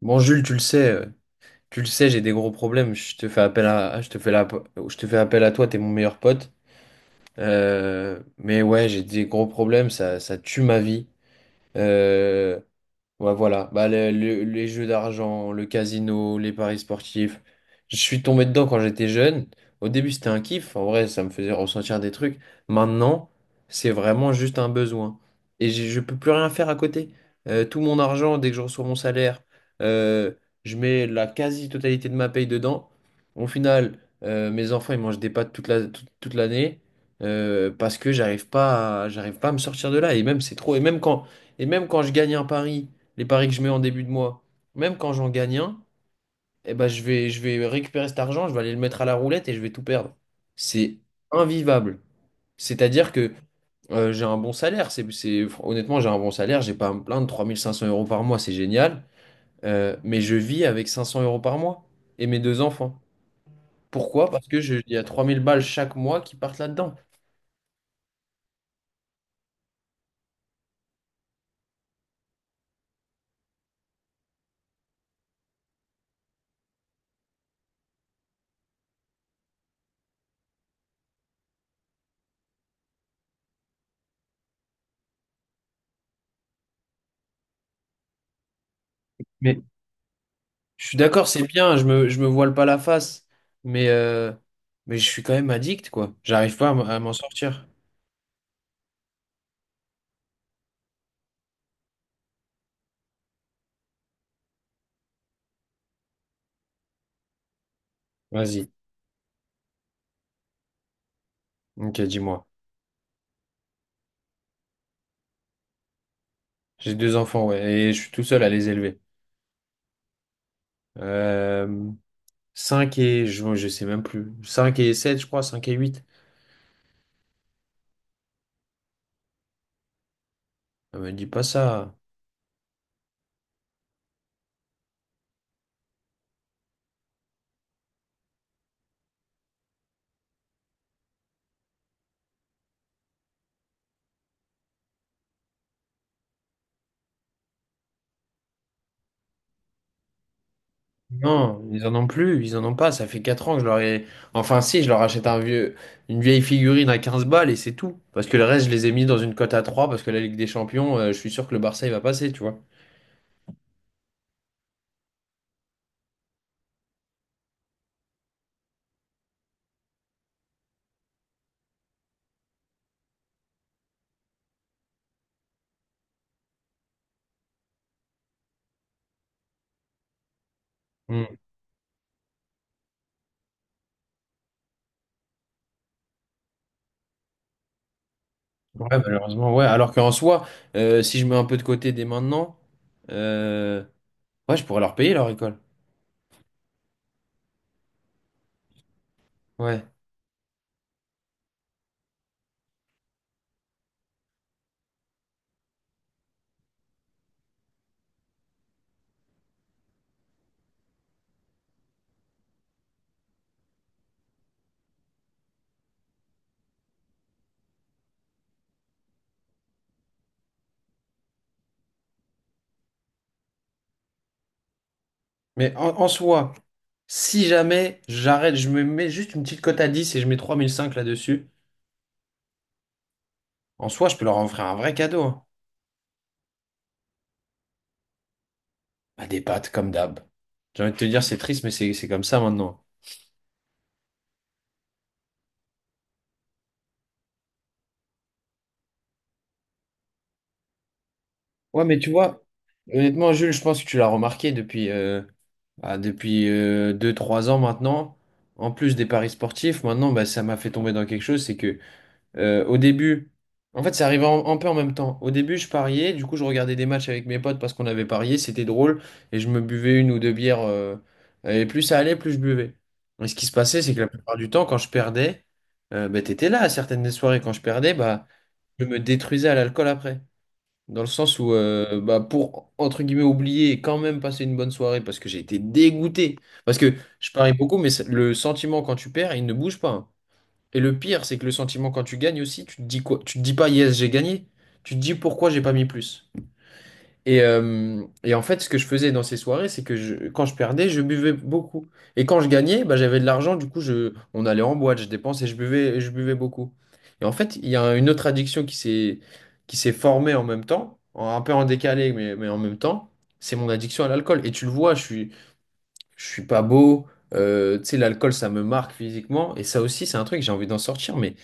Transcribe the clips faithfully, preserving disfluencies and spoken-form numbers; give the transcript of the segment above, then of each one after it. Bon, Jules, tu le sais, euh, tu le sais, j'ai des gros problèmes. Je te fais appel à, je te fais la- je te fais appel à toi, t'es mon meilleur pote. Euh, mais ouais, j'ai des gros problèmes, ça, ça tue ma vie. Euh, Ouais, voilà. Bah, le- le- les jeux d'argent, le casino, les paris sportifs. Je suis tombé dedans quand j'étais jeune. Au début, c'était un kiff. En vrai, ça me faisait ressentir des trucs. Maintenant, c'est vraiment juste un besoin. Et j'ai- je peux plus rien faire à côté. Euh, tout mon argent, dès que je reçois mon salaire, euh, je mets la quasi-totalité de ma paye dedans. Au final, euh, mes enfants, ils mangent des pâtes toute la, toute, toute l'année, euh, parce que j'arrive pas à, j'arrive pas à me sortir de là. Et même, c'est trop. Et même quand, et même quand je gagne un pari les paris que je mets en début de mois, même quand j'en gagne un, eh ben je vais, je vais récupérer cet argent, je vais aller le mettre à la roulette et je vais tout perdre. C'est invivable. C'est-à-dire que euh, j'ai un bon salaire. C'est, c'est- honnêtement, j'ai un bon salaire, j'ai pas à me plaindre. Trois mille cinq cents euros par mois, c'est génial. Euh, mais je vis avec cinq cents euros par mois et mes deux enfants. Pourquoi? Parce que je, il y a trois mille balles chaque mois qui partent là-dedans. Mais je suis d'accord, c'est bien, je me, je me voile pas la face, mais, euh, mais je suis quand même addict, quoi. J'arrive pas à m- à m'en sortir. Vas-y. Ok, dis-moi. J'ai deux enfants, ouais, et je suis tout seul à les élever. Euh, cinq et. Je, je sais même plus. Cinq et sept je crois, cinq et huit. Ne me dis pas ça. Non, ils en ont plus, ils en ont pas. Ça fait quatre ans que je leur ai. Enfin si, je leur achète un vieux... une vieille figurine à quinze balles et c'est tout. Parce que le reste, je les ai mis dans une cote à trois parce que la Ligue des Champions, euh, je suis sûr que le Barça, il va passer, tu vois. Mm. Ouais, malheureusement, ouais. Alors qu'en soi, euh, si je mets un peu de côté dès maintenant, euh, ouais, je pourrais leur payer leur école. Ouais. Mais en, en soi, si jamais j'arrête, je me mets juste une petite cote à dix et je mets trois mille cinq là-dessus, en soi, je peux leur offrir un vrai cadeau, hein. Bah, des pâtes comme d'hab. J'ai envie de te dire, c'est triste, mais c'est c'est comme ça maintenant. Ouais, mais tu vois, honnêtement, Jules, je pense que tu l'as remarqué depuis, euh, bah, depuis deux trois ans maintenant. En plus des paris sportifs, maintenant, bah, ça m'a fait tomber dans quelque chose, c'est que Euh, au début, en fait, ça arrivait en- un peu en même temps. Au début, je pariais, du coup, je regardais des matchs avec mes potes parce qu'on avait parié, c'était drôle, et je me buvais une ou deux bières, euh, et plus ça allait, plus je buvais. Et ce qui se passait, c'est que la plupart du temps, quand je perdais, euh, bah, t'étais là à certaines des soirées. Quand je perdais, bah, je me détruisais à l'alcool après. Dans le sens où, euh, bah, pour, entre guillemets, oublier et quand même passer une bonne soirée parce que j'ai été dégoûté. Parce que je parie beaucoup, mais c'est- le sentiment quand tu perds, il ne bouge pas, hein. Et le pire, c'est que le sentiment quand tu gagnes aussi, tu te dis quoi? Tu te dis pas yes, j'ai gagné. Tu te dis pourquoi j'ai pas mis plus. Et, euh, et en fait, ce que je faisais dans ces soirées, c'est que je- quand je perdais, je buvais beaucoup. Et quand je gagnais, bah, j'avais de l'argent, du coup, je, on allait en boîte, je dépensais, je buvais, je buvais beaucoup. Et en fait, il y a une autre addiction qui s'est, qui s'est formée en même temps, en- un peu en décalé, mais, mais en même temps, c'est mon addiction à l'alcool. Et tu le vois, je suis, je suis pas beau, euh, tu sais, l'alcool, ça me marque physiquement. Et ça aussi, c'est un truc, j'ai envie d'en sortir, mais.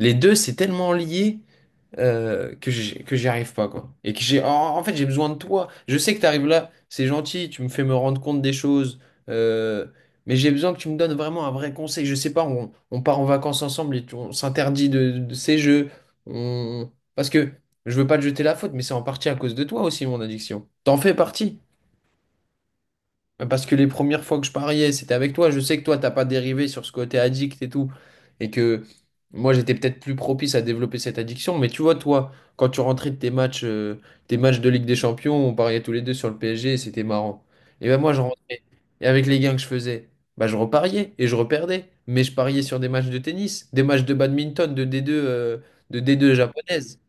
Les deux, c'est tellement lié euh, que j'y- que j'y arrive pas, quoi. Et que j'ai, en, en fait, j'ai besoin de toi. Je sais que t'arrives là, c'est gentil, tu me fais me rendre compte des choses, euh, mais j'ai besoin que tu me donnes vraiment un vrai conseil. Je sais pas, on, on part en vacances ensemble et tu- on s'interdit de, de ces jeux. On. Parce que je veux pas te jeter la faute, mais c'est en partie à cause de toi aussi, mon addiction. T'en fais partie. Bah, parce que les premières fois que je pariais, c'était avec toi. Je sais que toi, t'as pas dérivé sur ce côté addict et tout. Et que moi, j'étais peut-être plus propice à développer cette addiction. Mais tu vois, toi, quand tu rentrais de tes matchs, euh, tes matchs de Ligue des Champions, on pariait tous les deux sur le P S G et c'était marrant. Et ben moi, je rentrais. Et avec les gains que je faisais, bah, je repariais et je reperdais. Mais je pariais sur des matchs de tennis, des matchs de badminton, de D deux, euh, de D deux japonaise.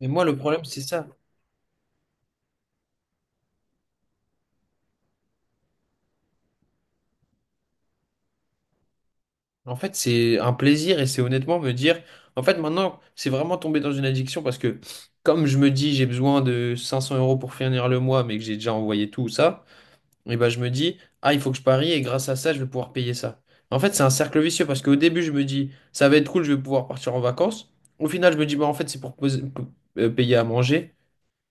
Mais moi, le problème, c'est ça. En fait, c'est un plaisir et c'est honnêtement me dire, en fait, maintenant, c'est vraiment tombé dans une addiction parce que, comme je me dis, j'ai besoin de cinq cents euros pour finir le mois, mais que j'ai déjà envoyé tout ça, et ben, je me dis, ah, il faut que je parie et grâce à ça, je vais pouvoir payer ça. En fait, c'est un cercle vicieux parce qu'au début, je me dis, ça va être cool, je vais pouvoir partir en vacances. Au final, je me dis, bah, en fait, c'est pour poser- euh, payer à manger.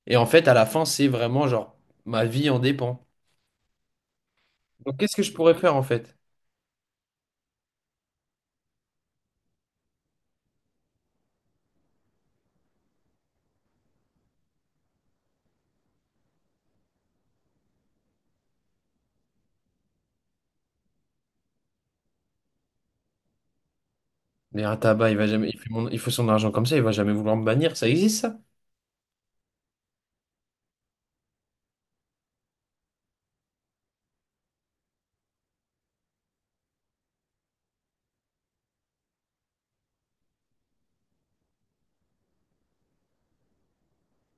Et en fait, à la fin, c'est vraiment genre, ma vie en dépend. Donc, qu'est-ce que je pourrais faire en fait? Mais un tabac, il va jamais, il fait mon- il faut son argent comme ça, il va jamais vouloir me bannir. Ça existe, ça?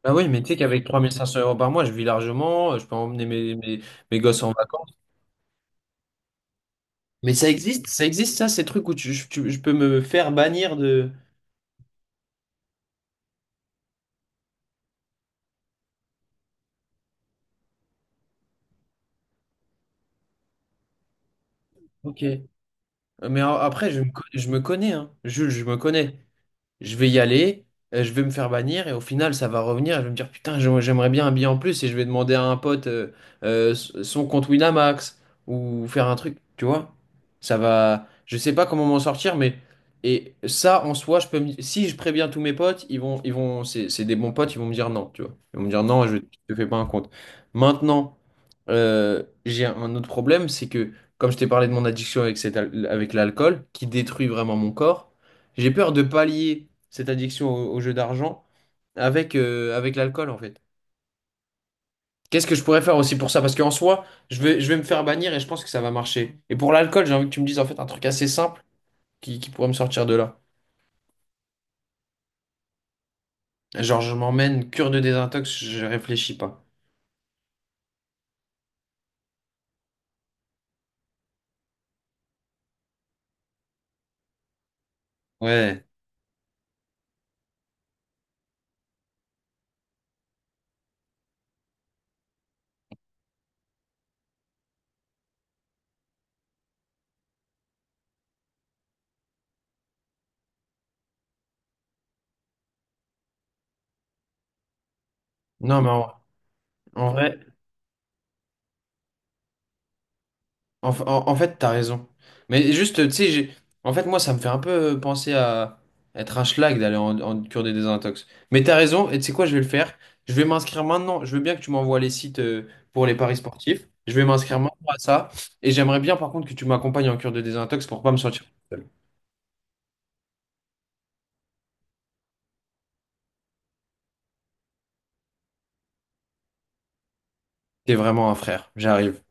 Bah oui, mais tu sais qu'avec trois mille cinq cents euros par mois, je vis largement, euh, je peux emmener mes, mes, mes gosses en vacances. Mais ça existe, ça existe, ça, ces trucs où tu, je tu- je peux me faire bannir de. Ok. Mais a- après, je me, co- je me connais, hein. Jules, je me connais. Je vais y aller, euh, je vais me faire bannir et au final ça va revenir et je vais me dire putain j'a- j'aimerais bien un billet en plus et je vais demander à un pote euh, euh, s- son compte Winamax ou faire un truc, tu vois? Ça va, je sais pas comment m'en sortir mais et ça en soi je peux me- si je préviens tous mes potes, ils vont ils vont c'est c'est des bons potes, ils vont me dire non, tu vois. Ils vont me dire non, je te fais pas un compte. Maintenant euh, j'ai un autre problème, c'est que comme je t'ai parlé de mon addiction avec, cette al- avec l'alcool, qui détruit vraiment mon corps, j'ai peur de pallier cette addiction au, au jeu d'argent avec, euh, avec l'alcool, en fait. Qu'est-ce que je pourrais faire aussi pour ça? Parce qu'en soi, je vais, je vais me faire bannir et je pense que ça va marcher. Et pour l'alcool, j'ai envie que tu me dises en fait un truc assez simple qui, qui pourrait me sortir de là. Genre, je m'emmène cure de désintox, je réfléchis pas. Ouais. Non, mais en, en vrai, En, en, en fait, t'as raison. Mais juste, tu sais, j'ai- en fait, moi, ça me fait un peu penser à être un schlag d'aller en, en cure des désintox. Mais t'as raison, et tu sais quoi, je vais le faire. Je vais m'inscrire maintenant. Je veux bien que tu m'envoies les sites euh, pour les paris sportifs. Je vais m'inscrire maintenant à ça. Et j'aimerais bien, par contre, que tu m'accompagnes en cure de désintox pour pas me sentir seul. T'es vraiment un frère. J'arrive.